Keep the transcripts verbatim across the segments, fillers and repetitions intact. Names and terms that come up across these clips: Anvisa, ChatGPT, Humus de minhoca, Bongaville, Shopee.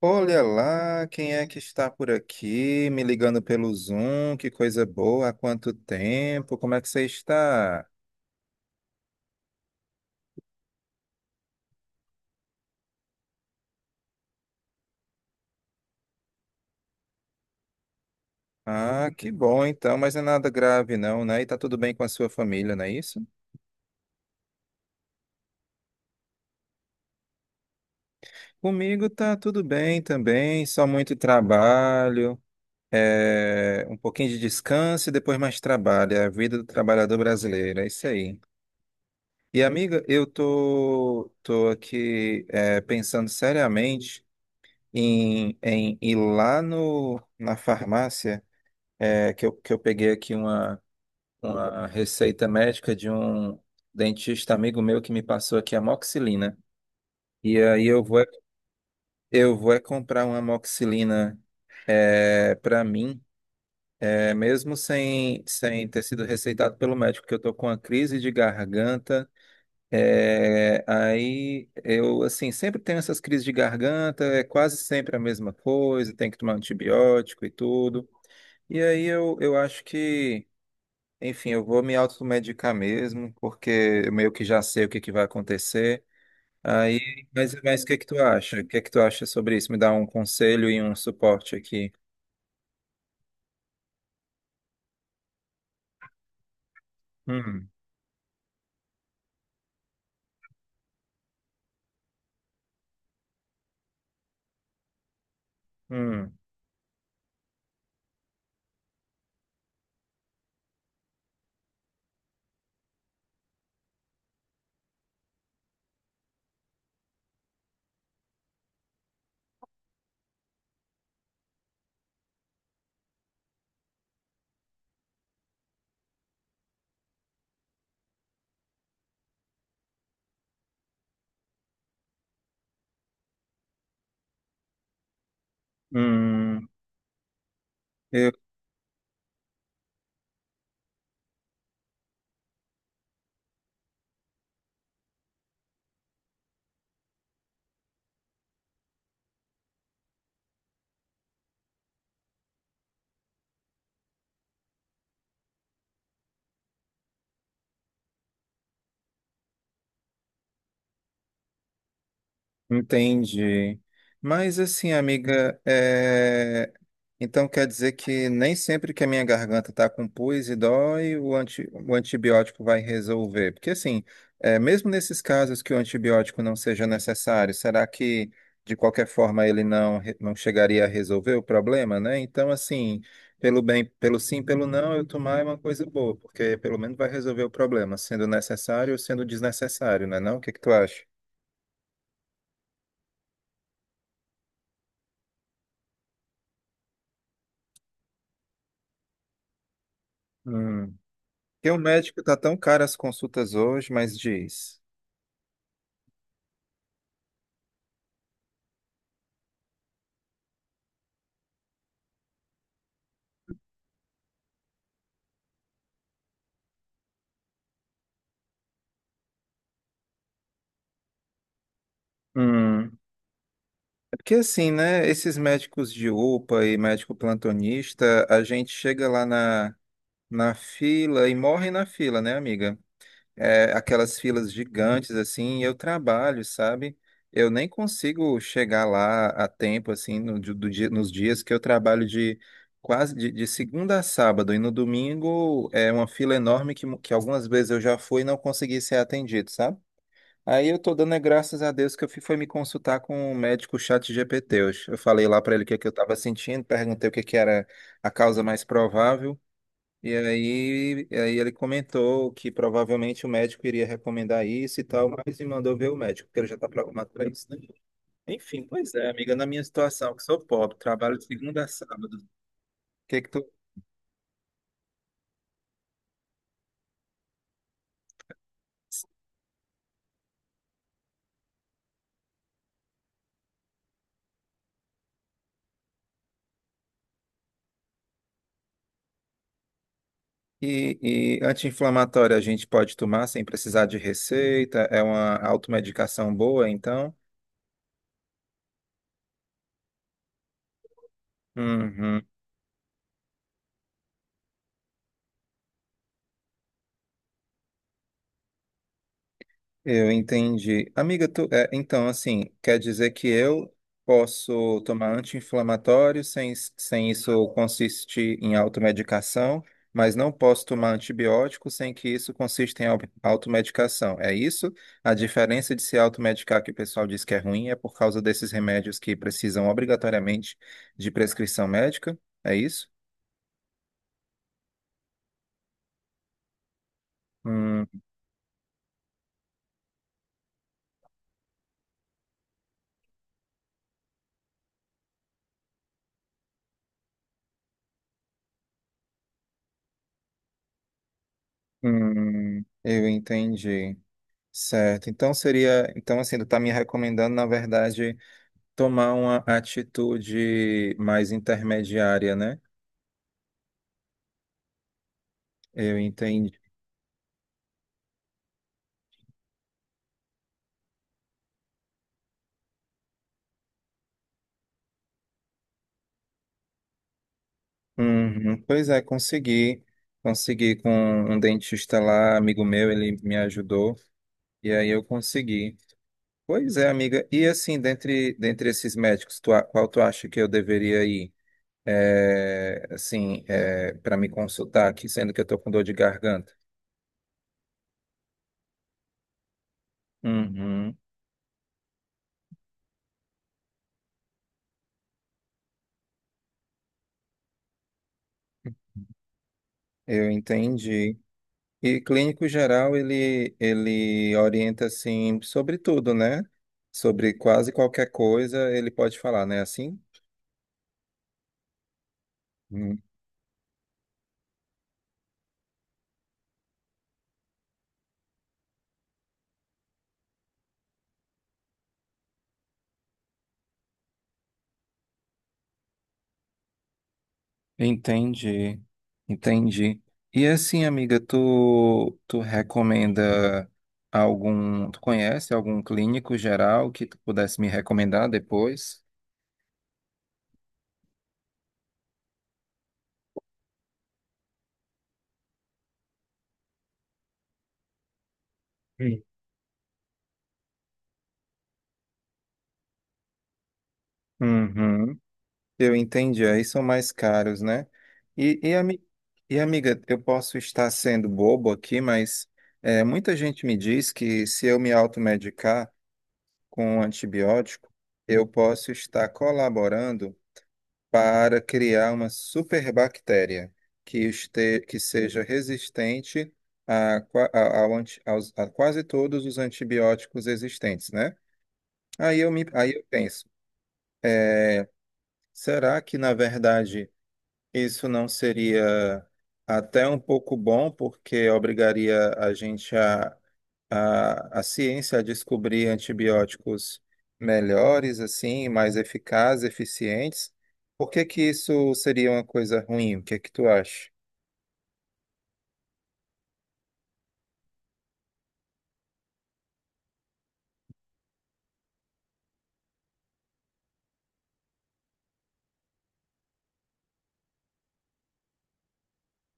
Olha lá, quem é que está por aqui, me ligando pelo Zoom? Que coisa boa, há quanto tempo? Como é que você está? Ah, que bom então, mas não é nada grave não, né? E tá tudo bem com a sua família, não é isso? Comigo tá tudo bem também, só muito trabalho, é, um pouquinho de descanso e depois mais trabalho, é a vida do trabalhador brasileiro, é isso aí. E amiga, eu tô, tô aqui é, pensando seriamente em, em ir lá no, na farmácia, é, que eu, que eu peguei aqui uma, uma receita médica de um dentista amigo meu que me passou aqui a amoxicilina. E aí eu vou, é- eu vou é comprar uma amoxicilina, é, para mim, é, mesmo sem, sem ter sido receitado pelo médico, que eu tô com uma crise de garganta. É, aí eu assim sempre tenho essas crises de garganta, é quase sempre a mesma coisa, tem que tomar antibiótico e tudo. E aí eu, eu acho que, enfim, eu vou me automedicar mesmo, porque eu meio que já sei o que que vai acontecer. Aí, mas, mas o que que tu acha? O que que tu acha sobre isso? Me dá um conselho e um suporte aqui. Hum, hum, hum. Entendi. Mas assim, amiga, é, então quer dizer que nem sempre que a minha garganta tá com pus e dói, o, anti... o antibiótico vai resolver. Porque assim, é, mesmo nesses casos que o antibiótico não seja necessário, será que de qualquer forma ele não, re- não chegaria a resolver o problema, né? Então assim, pelo bem, pelo sim, pelo não, eu tomar é uma coisa boa, porque pelo menos vai resolver o problema, sendo necessário ou sendo desnecessário, né não? O que que tu acha? Porque o médico tá tão caro as consultas hoje, mas diz. Hum. É porque assim, né? Esses médicos de upa e médico plantonista, a gente chega lá na, na fila e morre na fila, né, amiga? É, aquelas filas gigantes, assim, e eu trabalho, sabe? Eu nem consigo chegar lá a tempo, assim, no, di- do dia- nos dias que eu trabalho de quase de, de segunda a sábado, e no domingo é uma fila enorme que, mu- que algumas vezes eu já fui e não consegui ser atendido, sabe? Aí eu tô dando é graças a Deus que eu fui foi me consultar com um médico chat G P T. Eu eu falei lá pra ele o que é que eu tava sentindo, perguntei o que é que era a causa mais provável. E aí, e aí ele comentou que provavelmente o médico iria recomendar isso e tal, mas me mandou ver o médico, porque ele já tá programado pra isso, né? Enfim, pois é, amiga, na minha situação, que sou pobre, trabalho de segunda a sábado. Que é que tu... E, e anti-inflamatório a gente pode tomar sem precisar de receita, é uma automedicação boa, então. Uhum. Eu entendi. Amiga, tu, é, então, assim, quer dizer que eu posso tomar anti-inflamatório sem, sem isso consistir em automedicação, mas não posso tomar antibiótico sem que isso consista em au- automedicação. É isso? A diferença de se automedicar, que o pessoal diz que é ruim, é por causa desses remédios que precisam obrigatoriamente de prescrição médica? É isso? Hum, hum, eu entendi. Certo. Então seria, então assim, tu tá me recomendando, na verdade, tomar uma atitude mais intermediária, né? Eu entendi. Uhum. Pois é, consegui. Consegui com um dentista lá, amigo meu, ele me ajudou e aí eu consegui. Pois é, amiga. E assim, dentre, dentre esses médicos, tu, a- qual tu acha que eu deveria ir? É, assim, é, para me consultar aqui, sendo que eu tô com dor de garganta. Uhum. Eu entendi. E clínico geral, ele, ele orienta, assim, sobre tudo, né? Sobre quase qualquer coisa, ele pode falar, né? Assim? Hum. Entendi, entendi. E assim, amiga, tu, tu recomenda algum, tu conhece algum clínico geral que tu pudesse me recomendar depois? Hum. Uhum. Eu entendi, aí são mais caros, né? E, e, ami- e, amiga, eu posso estar sendo bobo aqui, mas é, muita gente me diz que se eu me automedicar com um antibiótico, eu posso estar colaborando para criar uma superbactéria que, este, que seja resistente a, qua- a- ao anti- aos- a quase todos os antibióticos existentes, né? Aí eu, me, aí eu penso, é, será que na verdade isso não seria até um pouco bom, porque obrigaria a gente a, a, a ciência a descobrir antibióticos melhores, assim, mais eficazes, eficientes. Por que que isso seria uma coisa ruim? O que é que tu acha?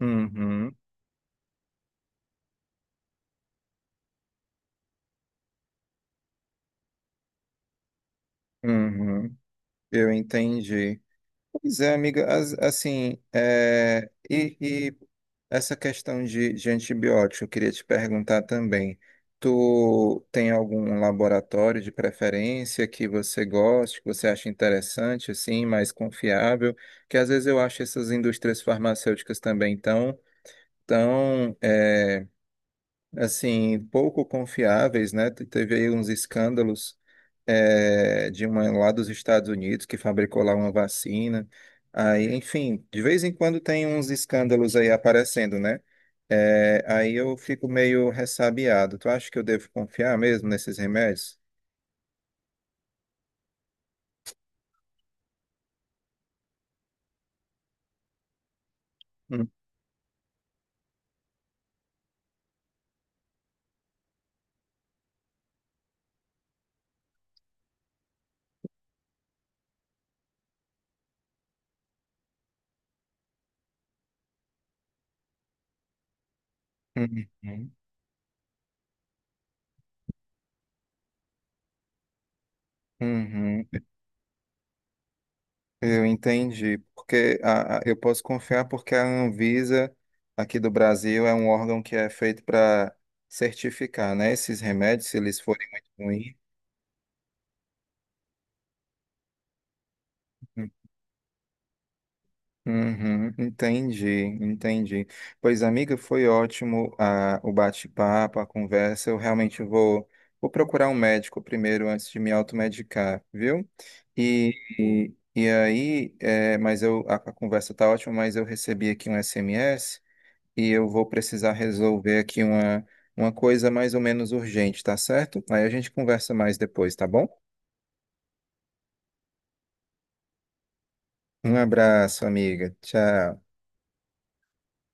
Uhum, uhum, eu entendi. Pois é, amiga, as- assim, é, e, e essa questão de, de antibiótico, eu queria te perguntar também. Tu tem algum laboratório de preferência que você goste, que você acha interessante, assim, mais confiável? Que às vezes eu acho essas indústrias farmacêuticas também tão, tão, é, assim, pouco confiáveis, né? Teve aí uns escândalos, é, de uma lá dos Estados Unidos que fabricou lá uma vacina. Aí, enfim, de vez em quando tem uns escândalos aí aparecendo, né? É, aí eu fico meio ressabiado. Tu acha que eu devo confiar mesmo nesses remédios? Hum, uhum, uhum. Eu entendi, porque a, a- eu posso confiar porque a Anvisa aqui do Brasil é um órgão que é feito para certificar, né, esses remédios, se eles forem muito ruins. Uhum, entendi, entendi. Pois, amiga, foi ótimo, ah, o bate-papo, a conversa. Eu realmente vou, vou procurar um médico primeiro antes de me automedicar, viu? E, e, e aí, é, mas eu, a, a conversa tá ótima, mas eu recebi aqui um S M S e eu vou precisar resolver aqui uma, uma coisa mais ou menos urgente, tá certo? Aí a gente conversa mais depois, tá bom? Um abraço, amiga. Tchau.